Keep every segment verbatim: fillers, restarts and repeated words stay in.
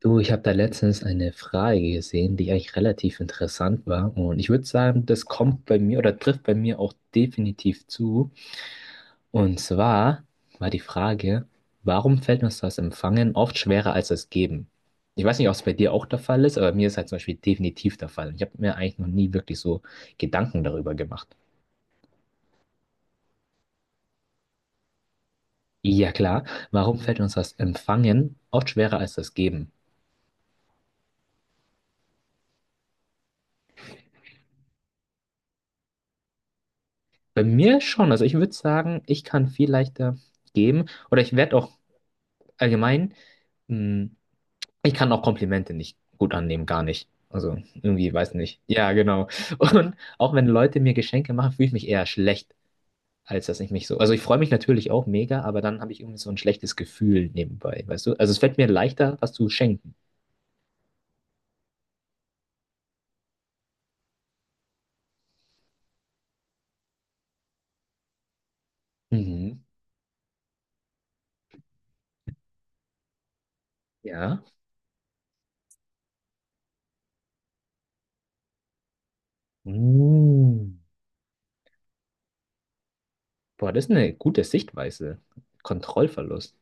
Du, ich habe da letztens eine Frage gesehen, die eigentlich relativ interessant war. Und ich würde sagen, das kommt bei mir oder trifft bei mir auch definitiv zu. Und zwar war die Frage, warum fällt uns das Empfangen oft schwerer als das Geben? Ich weiß nicht, ob es bei dir auch der Fall ist, aber mir ist halt zum Beispiel definitiv der Fall. Und Ich habe mir eigentlich noch nie wirklich so Gedanken darüber gemacht. Ja klar, warum fällt uns das Empfangen oft schwerer als das Geben? Bei mir schon. Also ich würde sagen, ich kann viel leichter geben. Oder ich werde auch allgemein, mh, ich kann auch Komplimente nicht gut annehmen, gar nicht. Also irgendwie, weiß nicht. Ja, genau. Und auch wenn Leute mir Geschenke machen, fühle ich mich eher schlecht, als dass ich mich so. Also ich freue mich natürlich auch mega, aber dann habe ich irgendwie so ein schlechtes Gefühl nebenbei, weißt du? Also es fällt mir leichter, was zu schenken. Mhm. Ja. Mm. Boah, das ist eine gute Sichtweise. Kontrollverlust.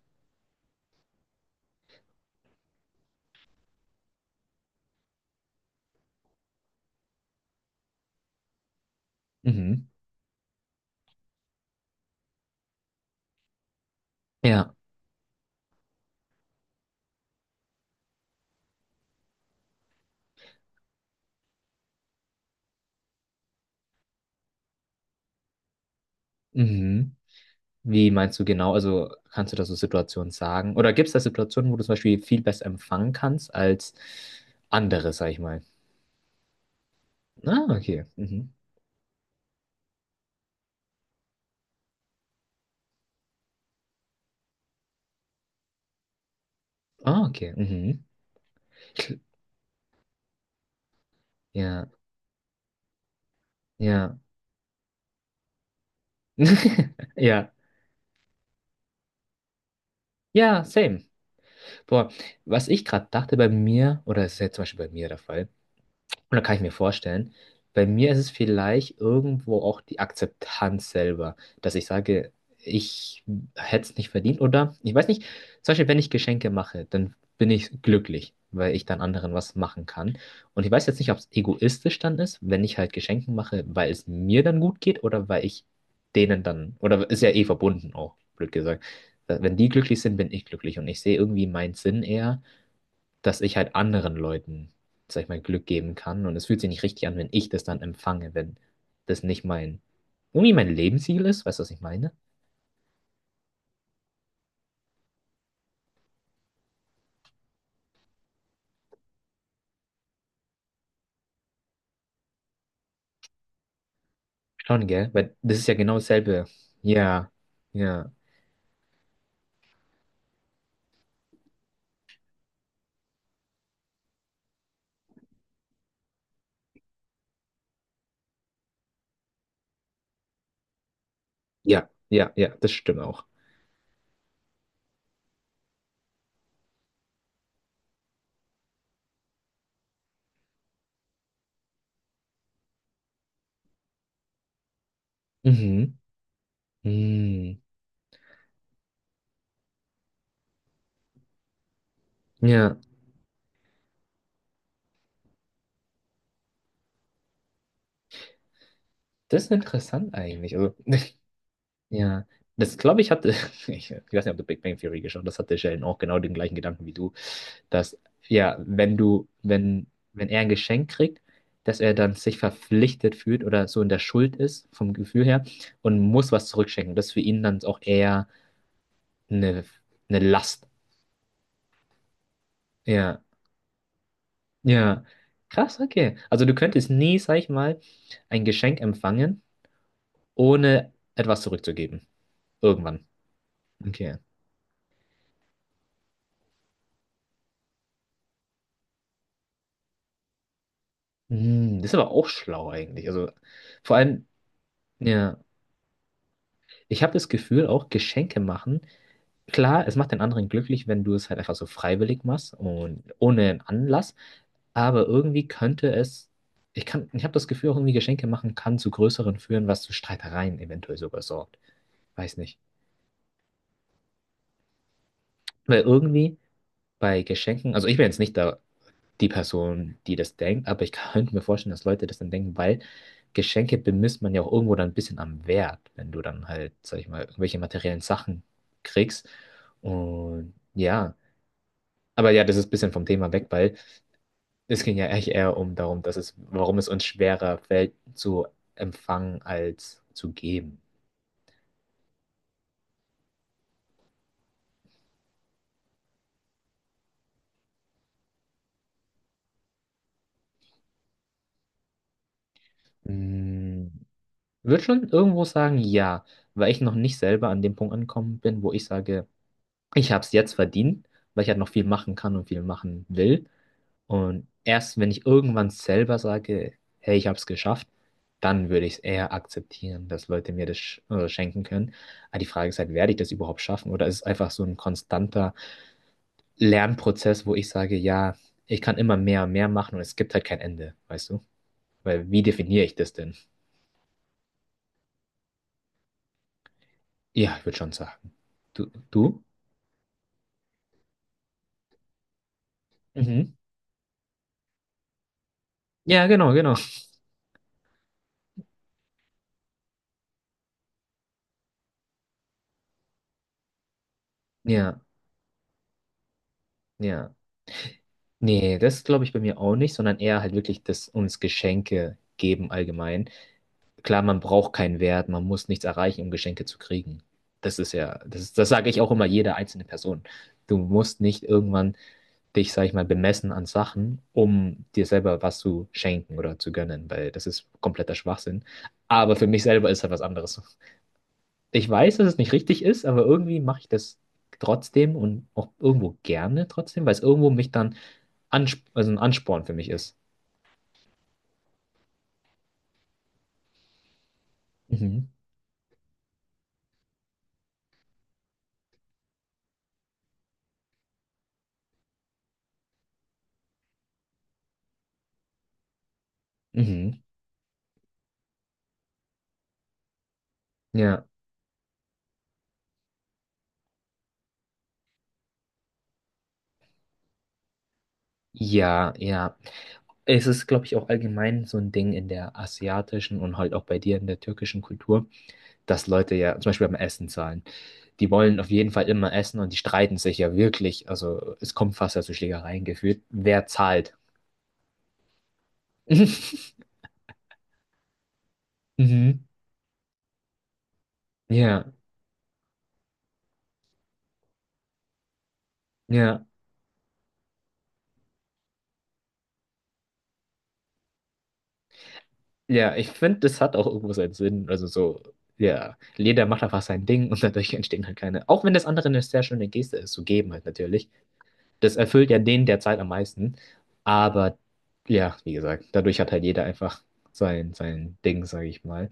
Mhm. Ja. Mhm. Wie meinst du genau? Also kannst du da so Situationen sagen? Oder gibt es da Situationen, wo du zum Beispiel viel besser empfangen kannst als andere, sag ich mal? Ah, okay. Mhm. Ah, okay. Mhm. Ja, ja. Ja. Ja, same. Boah, was ich gerade dachte bei mir, oder es ist ja zum Beispiel bei mir der Fall, und da kann ich mir vorstellen, bei mir ist es vielleicht irgendwo auch die Akzeptanz selber, dass ich sage, ich hätte es nicht verdient oder ich weiß nicht, zum Beispiel, wenn ich Geschenke mache, dann bin ich glücklich, weil ich dann anderen was machen kann. Und ich weiß jetzt nicht, ob es egoistisch dann ist, wenn ich halt Geschenke mache, weil es mir dann gut geht oder weil ich denen dann, oder ist ja eh verbunden auch, blöd gesagt. Wenn die glücklich sind, bin ich glücklich und ich sehe irgendwie meinen Sinn eher, dass ich halt anderen Leuten, sag ich mal, Glück geben kann. Und es fühlt sich nicht richtig an, wenn ich das dann empfange, wenn das nicht mein, irgendwie mein Lebensziel ist. Weißt du, was ich meine? Schon, gell? Weil das ist ja genau dasselbe. Ja, ja, ja, ja, ja, das stimmt auch. Mhm. Mhm. Ja, das ist interessant eigentlich. Also, ja, das glaube ich hatte, ich weiß nicht, ob du Big Bang Theory geschaut hast, das hatte Sheldon auch genau den gleichen Gedanken wie du, dass, ja, wenn du, wenn, wenn er ein Geschenk kriegt, dass er dann sich verpflichtet fühlt oder so in der Schuld ist, vom Gefühl her, und muss was zurückschenken. Das ist für ihn dann auch eher eine, eine Last. Ja, ja, krass, okay. Also du könntest nie, sag ich mal, ein Geschenk empfangen, ohne etwas zurückzugeben. Irgendwann. Okay. Hm, das ist aber auch schlau eigentlich. Also vor allem, ja, ich habe das Gefühl, auch Geschenke machen, klar, es macht den anderen glücklich, wenn du es halt einfach so freiwillig machst und ohne einen Anlass, aber irgendwie könnte es, ich kann, ich habe das Gefühl, auch irgendwie Geschenke machen kann zu größeren führen, was zu Streitereien eventuell sogar sorgt. Weiß nicht. Weil irgendwie bei Geschenken, also ich bin jetzt nicht da die Person, die das denkt, aber ich könnte mir vorstellen, dass Leute das dann denken, weil Geschenke bemisst man ja auch irgendwo dann ein bisschen am Wert, wenn du dann halt, sag ich mal, irgendwelche materiellen Sachen kriegst. Und ja, aber ja, das ist ein bisschen vom Thema weg, weil es ging ja eigentlich eher um darum, dass es, warum es uns schwerer fällt zu empfangen als zu geben. Hm, würde schon irgendwo sagen, ja, weil ich noch nicht selber an dem Punkt angekommen bin, wo ich sage, ich habe es jetzt verdient, weil ich halt noch viel machen kann und viel machen will. Und erst wenn ich irgendwann selber sage, hey, ich habe es geschafft, dann würde ich es eher akzeptieren, dass Leute mir das sch äh, schenken können. Aber die Frage ist halt, werde ich das überhaupt schaffen? Oder ist es einfach so ein konstanter Lernprozess, wo ich sage, ja, ich kann immer mehr und mehr machen und es gibt halt kein Ende, weißt du? Weil wie definiere ich das denn? Ja, ich würde schon sagen. Du, du? Mhm. Ja, genau, genau. Ja, ja. Nee, das glaube ich bei mir auch nicht, sondern eher halt wirklich, dass uns Geschenke geben allgemein. Klar, man braucht keinen Wert, man muss nichts erreichen, um Geschenke zu kriegen. Das ist ja, das ist, das sage ich auch immer jeder einzelne Person. Du musst nicht irgendwann dich, sag ich mal, bemessen an Sachen, um dir selber was zu schenken oder zu gönnen, weil das ist kompletter Schwachsinn. Aber für mich selber ist halt was anderes. Ich weiß, dass es nicht richtig ist, aber irgendwie mache ich das trotzdem und auch irgendwo gerne trotzdem, weil es irgendwo mich dann Ansp also ein Ansporn für mich ist. Mhm. Mhm. Ja, ja, ja. Es ist, glaube ich, auch allgemein so ein Ding in der asiatischen und halt auch bei dir in der türkischen Kultur, dass Leute ja zum Beispiel beim Essen zahlen. Die wollen auf jeden Fall immer essen und die streiten sich ja wirklich. Also es kommt fast ja zu Schlägereien geführt. Wer zahlt? Mhm. Ja, ja, ja. Ich finde, das hat auch irgendwo seinen Sinn. Also so, ja, jeder macht einfach sein Ding und dadurch entstehen halt keine. Auch wenn das andere eine sehr schöne Geste ist, so geben halt natürlich. Das erfüllt ja den derzeit am meisten. Aber ja, wie gesagt, dadurch hat halt jeder einfach sein, sein Ding, sage ich mal.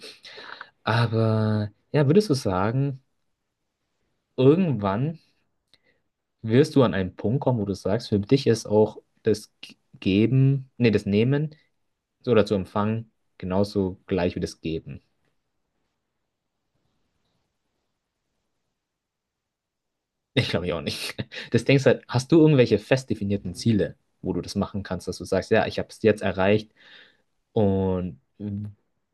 Aber ja, würdest du sagen, irgendwann wirst du an einen Punkt kommen, wo du sagst, für dich ist auch das G- Geben, nee, das Nehmen oder zu empfangen genauso gleich wie das Geben. Ich glaube ich auch nicht. Das denkst halt, hast du irgendwelche fest definierten Ziele, wo du das machen kannst, dass du sagst, ja, ich habe es jetzt erreicht. Und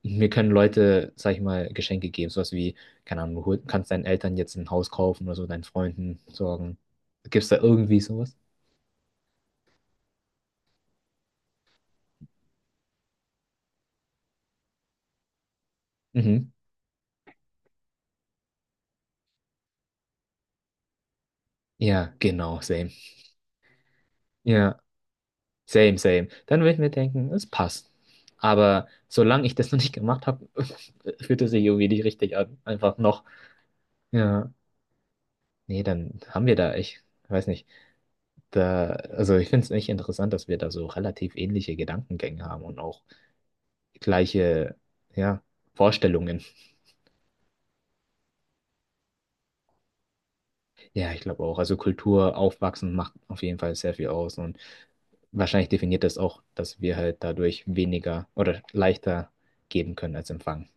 mir können Leute, sag ich mal, Geschenke geben. Sowas wie, keine Ahnung, du hol- kannst deinen Eltern jetzt ein Haus kaufen oder so, deinen Freunden sorgen. Gibt's da irgendwie sowas? Mhm. Ja, genau, same. Ja, same, same. Dann würde ich mir denken, es passt. Aber solange ich das noch nicht gemacht habe, fühlt es sich irgendwie nicht richtig an. Einfach noch. Ja, nee, dann haben wir da, ich weiß nicht. Da, also ich finde es echt interessant, dass wir da so relativ ähnliche Gedankengänge haben und auch gleiche, ja, Vorstellungen. Ja, ich glaube auch. Also Kultur aufwachsen macht auf jeden Fall sehr viel aus und wahrscheinlich definiert das auch, dass wir halt dadurch weniger oder leichter geben können als empfangen.